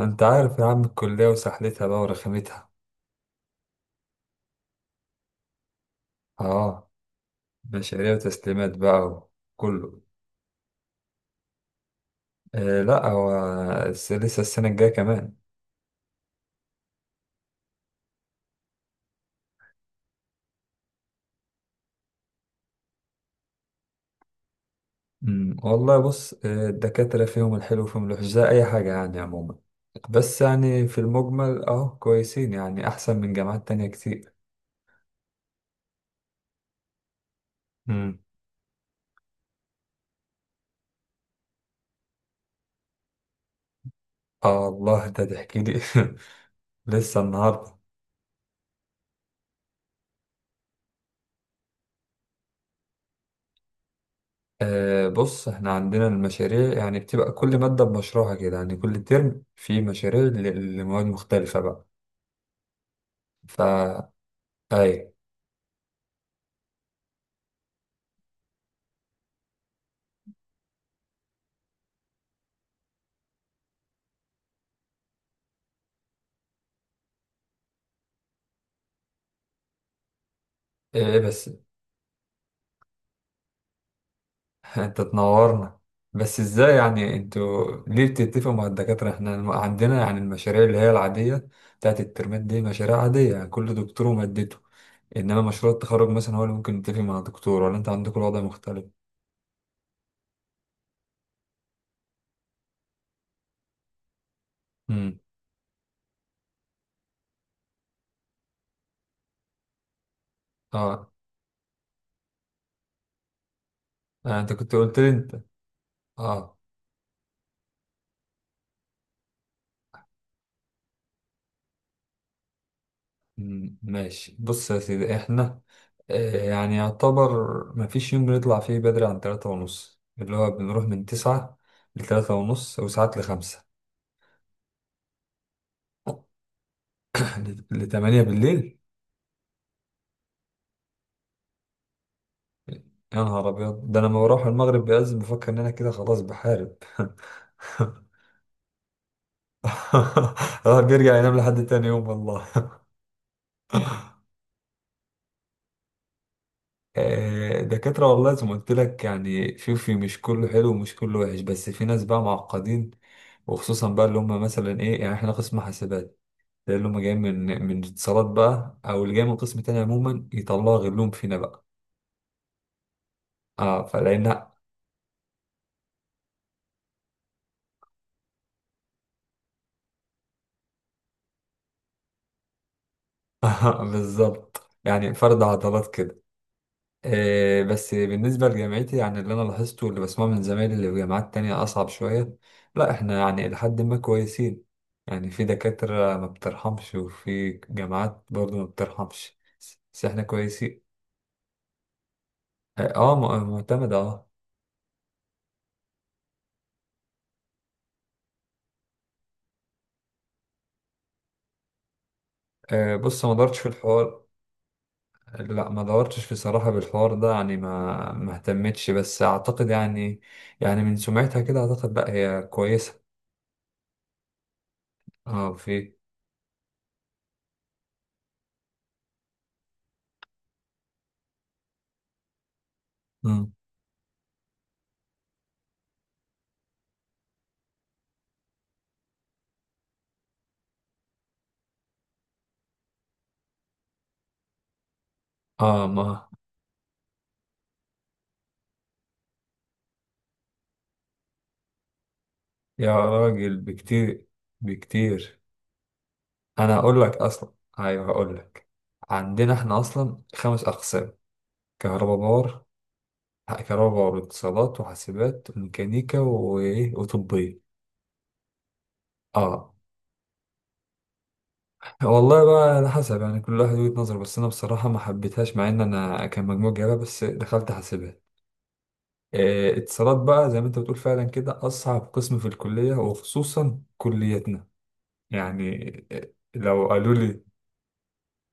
انت عارف يا عم، الكلية وسحلتها بقى ورخامتها. اه. مشاريع وتسليمات بقى، وكله. آه، لا هو لسه السنة الجاية كمان. مم. والله بص، الدكاترة فيهم الحلو وفيهم الوحش زي أي حاجة يعني عموما. بس يعني في المجمل، كويسين، يعني أحسن من جامعات تانية كتير. مم. آه الله، ده تحكي لي لسه النهاردة. آه بص، احنا عندنا المشاريع، يعني بتبقى كل مادة بمشروعها كده، يعني كل ترم في مشاريع لمواد مختلفة بقى. فا، ايه؟ إيه، بس. انت تنورنا. بس ازاي يعني، انتوا ليه بتتفقوا مع الدكاترة؟ احنا عندنا يعني المشاريع اللي هي العادية بتاعت الترمات دي، مشاريع عادية، يعني كل دكتور ومادته. انما مشروع التخرج مثلا هو اللي ممكن يتفق مع دكتور، ولا انت عندكم الوضع مختلف؟ امم. اه. آه، انت كنت قلت لي انت. اه. ماشي بص يا سيدي، احنا. يعني يعتبر مفيش يوم بنطلع فيه بدري عن تلاتة ونص، اللي هو بنروح من تسعة لتلاتة ونص، وساعات لخمسة. لتمانية بالليل. يا نهار أبيض، ده أنا لما بروح المغرب بيأذن بفكر إن أنا كده خلاص بحارب. الواحد بيرجع ينام لحد تاني يوم والله. دكاترة والله زي ما قلت لك، يعني شوفي، مش كله حلو ومش كله وحش، بس في ناس بقى معقدين. وخصوصا بقى اللي هم مثلا، يعني احنا قسم حاسبات. ده اللي هم جايين من اتصالات بقى، او اللي جاي من قسم تاني عموما، يطلعوا غلهم فينا بقى. اه، فلقينا. بالظبط، يعني فرد عضلات كده. بس بالنسبة لجامعتي، يعني اللي أنا لاحظته واللي بسمعه من زمايلي اللي في جامعات تانية، أصعب شوية. لا، إحنا يعني إلى حد ما كويسين. يعني في دكاترة ما بترحمش، وفي جامعات برضو ما بترحمش. بس إحنا كويسين. آه آه، معتمدة. آه، بص، ما دورتش في الحوار. لا، ما دورتش في صراحة بالحوار ده، يعني ما اهتمتش، بس أعتقد يعني. يعني من سمعتها كده أعتقد، لا هي كويسة. آه، في. مم. اه، ما. يا راجل، بكتير. بكتير. انا هقول لك اصلا. ايوه، هقول لك. عندنا احنا اصلا خمس اقسام. كهرباء باور. كهرباء باور، اتصالات، وحاسبات، وميكانيكا، وطبية. اه. والله بقى على حسب، يعني كل واحد وجهة نظر، بس انا بصراحة ما حبيتهاش، مع ان انا كان مجموع جايبها، بس دخلت حاسبات. اتصالات بقى زي ما انت بتقول، فعلا كده اصعب قسم في الكلية، وخصوصا كليتنا. يعني، لو قالوا لي.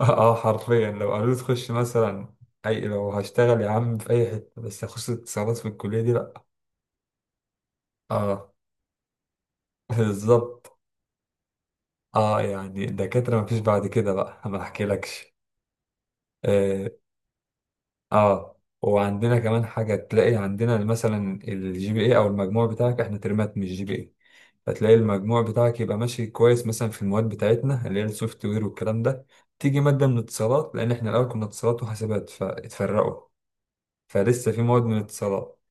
اه. حرفيا لو قالوا لي تخش مثلا، لو هشتغل يا عم في اي حته، بس اخش اتصالات في الكليه دي، لا. اه، بالظبط. اه، يعني الدكاتره مفيش بعد كده بقى ما احكيلكش. اه، آه. وعندنا كمان حاجه، تلاقي عندنا مثلا الجي بي اي او المجموع بتاعك، احنا ترمات مش جي بي اي. فتلاقي المجموع بتاعك يبقى ماشي كويس، مثلا في المواد بتاعتنا اللي هي السوفت وير والكلام ده. تيجي ماده من اتصالات، لان احنا الاول كنا اتصالات وحاسبات فاتفرقوا. فلسه في مواد من اتصالات.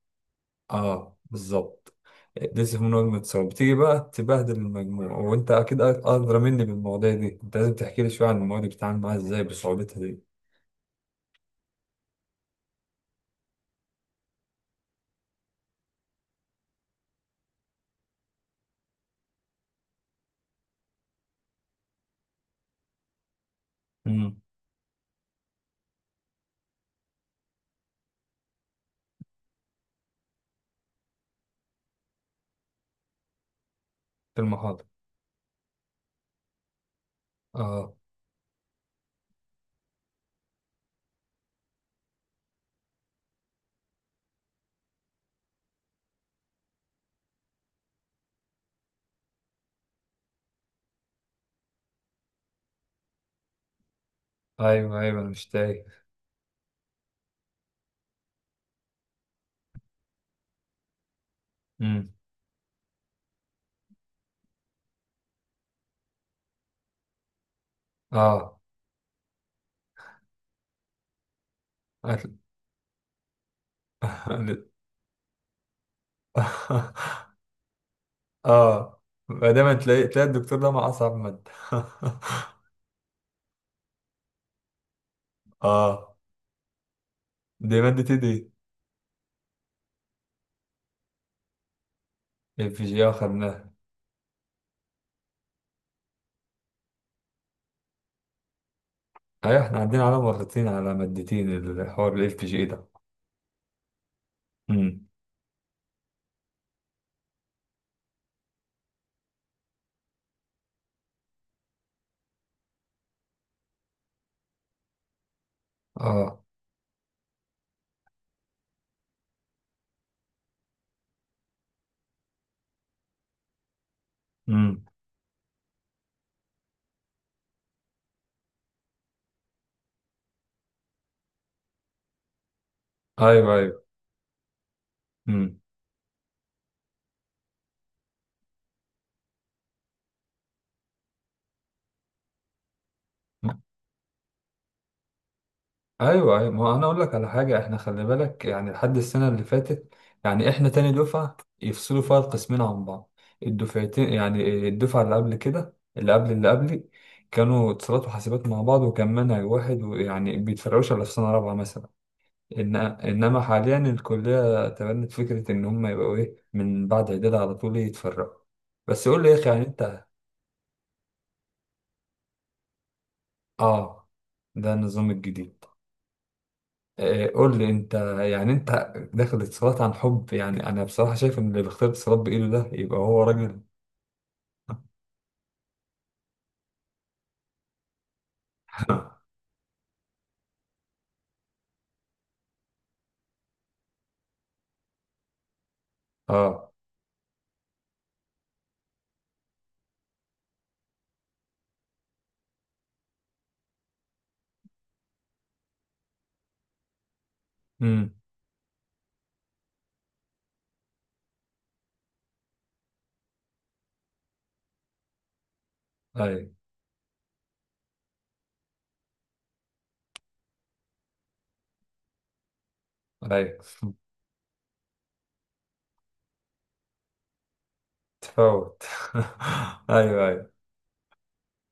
اه، بالظبط. لسه من وجهة نظر، بتيجي بقى تبهدل المجموع، وانت اكيد ادرى مني بالمواضيع دي، انت لازم تحكي لي شويه عن المواد اللي بتتعامل معاها ازاي بصعوبتها دي. امم. في المحاضره. اه. ايوه، ايوه، انا مش تايه. امم. اه. أكل. اه، ما دايما تلاقي الدكتور ده مع اصعب ماده. اه، دي ماده ايه دي؟ اف جي، اه، خدناها. ايوه، احنا عندنا على مرتين، على مادتين. الحوار الاف جي ده. امم. اه. امم. ايوه، ايوه. امم. ايوه، ايوه، ما هو انا اقول لك على حاجه، احنا خلي بالك يعني لحد السنه اللي فاتت. يعني احنا تاني دفعه يفصلوا فيها القسمين عن بعض. الدفعتين، يعني الدفعه اللي قبل كده، اللي قبل اللي قبلي، كانوا اتصالات وحاسبات مع بعض، وكان منهج واحد، ويعني بيتفرعوش الا في سنه رابعه مثلا. انما حاليا الكليه تبنت فكره ان هم يبقوا، من بعد اعداد على طول يتفرعوا. بس قول لي يا اخي، يعني انت. اه. ده النظام الجديد. آه، قول لي انت. يعني انت داخل اتصالات عن حب؟ يعني انا بصراحة شايف ان اللي بيختار اتصالات بايده ده يبقى هو راجل. اه. امم. ايوه، ايوه. تفوت. ايوه، ايوه.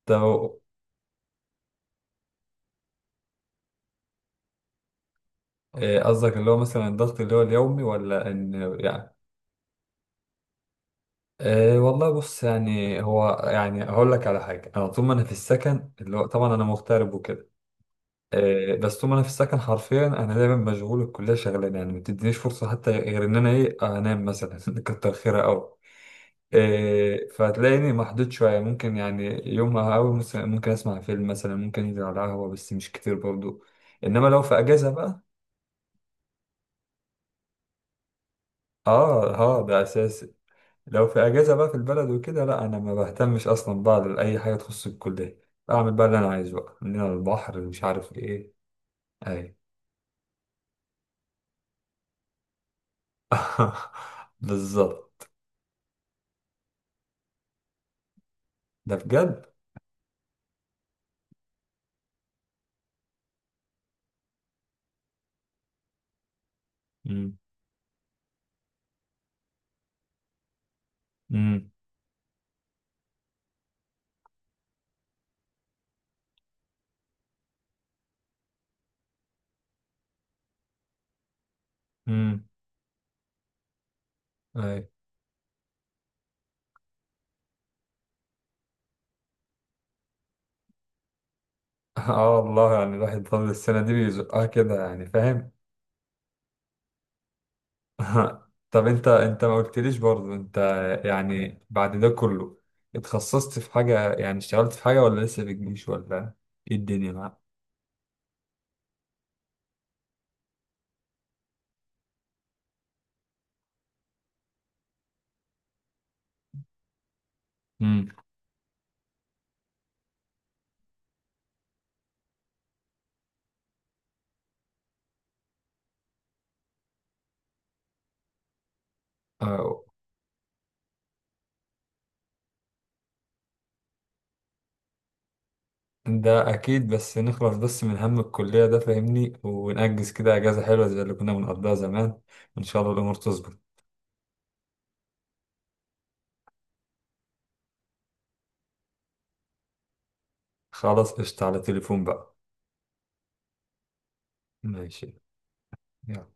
طب. آه، قصدك اللي هو مثلا الضغط اللي هو اليومي، ولا ان. يعني. والله بص، يعني هو، يعني هقول لك على حاجة، أنا طول ما أنا في السكن، اللي هو طبعا أنا مغترب وكده. بس طول ما انا في السكن حرفيا، انا دايما مشغول، الكليه شغلانه، يعني ما بتدينيش فرصه حتى غير ان انا انام مثلا كتر خيرها قوي. فهتلاقيني محدود شويه، ممكن يعني يوم قوي ممكن اسمع فيلم مثلا، ممكن انزل على قهوه، بس مش كتير برضو. انما لو في اجازه بقى. اه، اه، ده اساسي. لو في اجازه بقى في البلد وكده، لا انا ما بهتمش اصلا بقى لاي حاجه تخص الكليه. اعمل بقى اللي انا عايزه، بقى من هنا للبحر، مش عارف ايه. اي. بالظبط. ده بجد؟ امم. امم. امم. اي. اه، والله يعني الواحد طول السنة دي بيزقها كده، يعني فاهم؟ طب، انت ما قلتليش برضه انت. يعني بعد ده كله، اتخصصت في حاجة، يعني اشتغلت في حاجة؟ ولا لسه في الجيش؟ ولا ايه الدنيا معاك؟ امم. اه. ده اكيد، بس نخلص بس من هم الكلية ده فاهمني، ونأجز كده اجازة حلوة زي اللي كنا بنقضيها زمان. وان شاء الله الامور تظبط. خلاص، قشطة، على تليفون بقى. ماشي. يلا.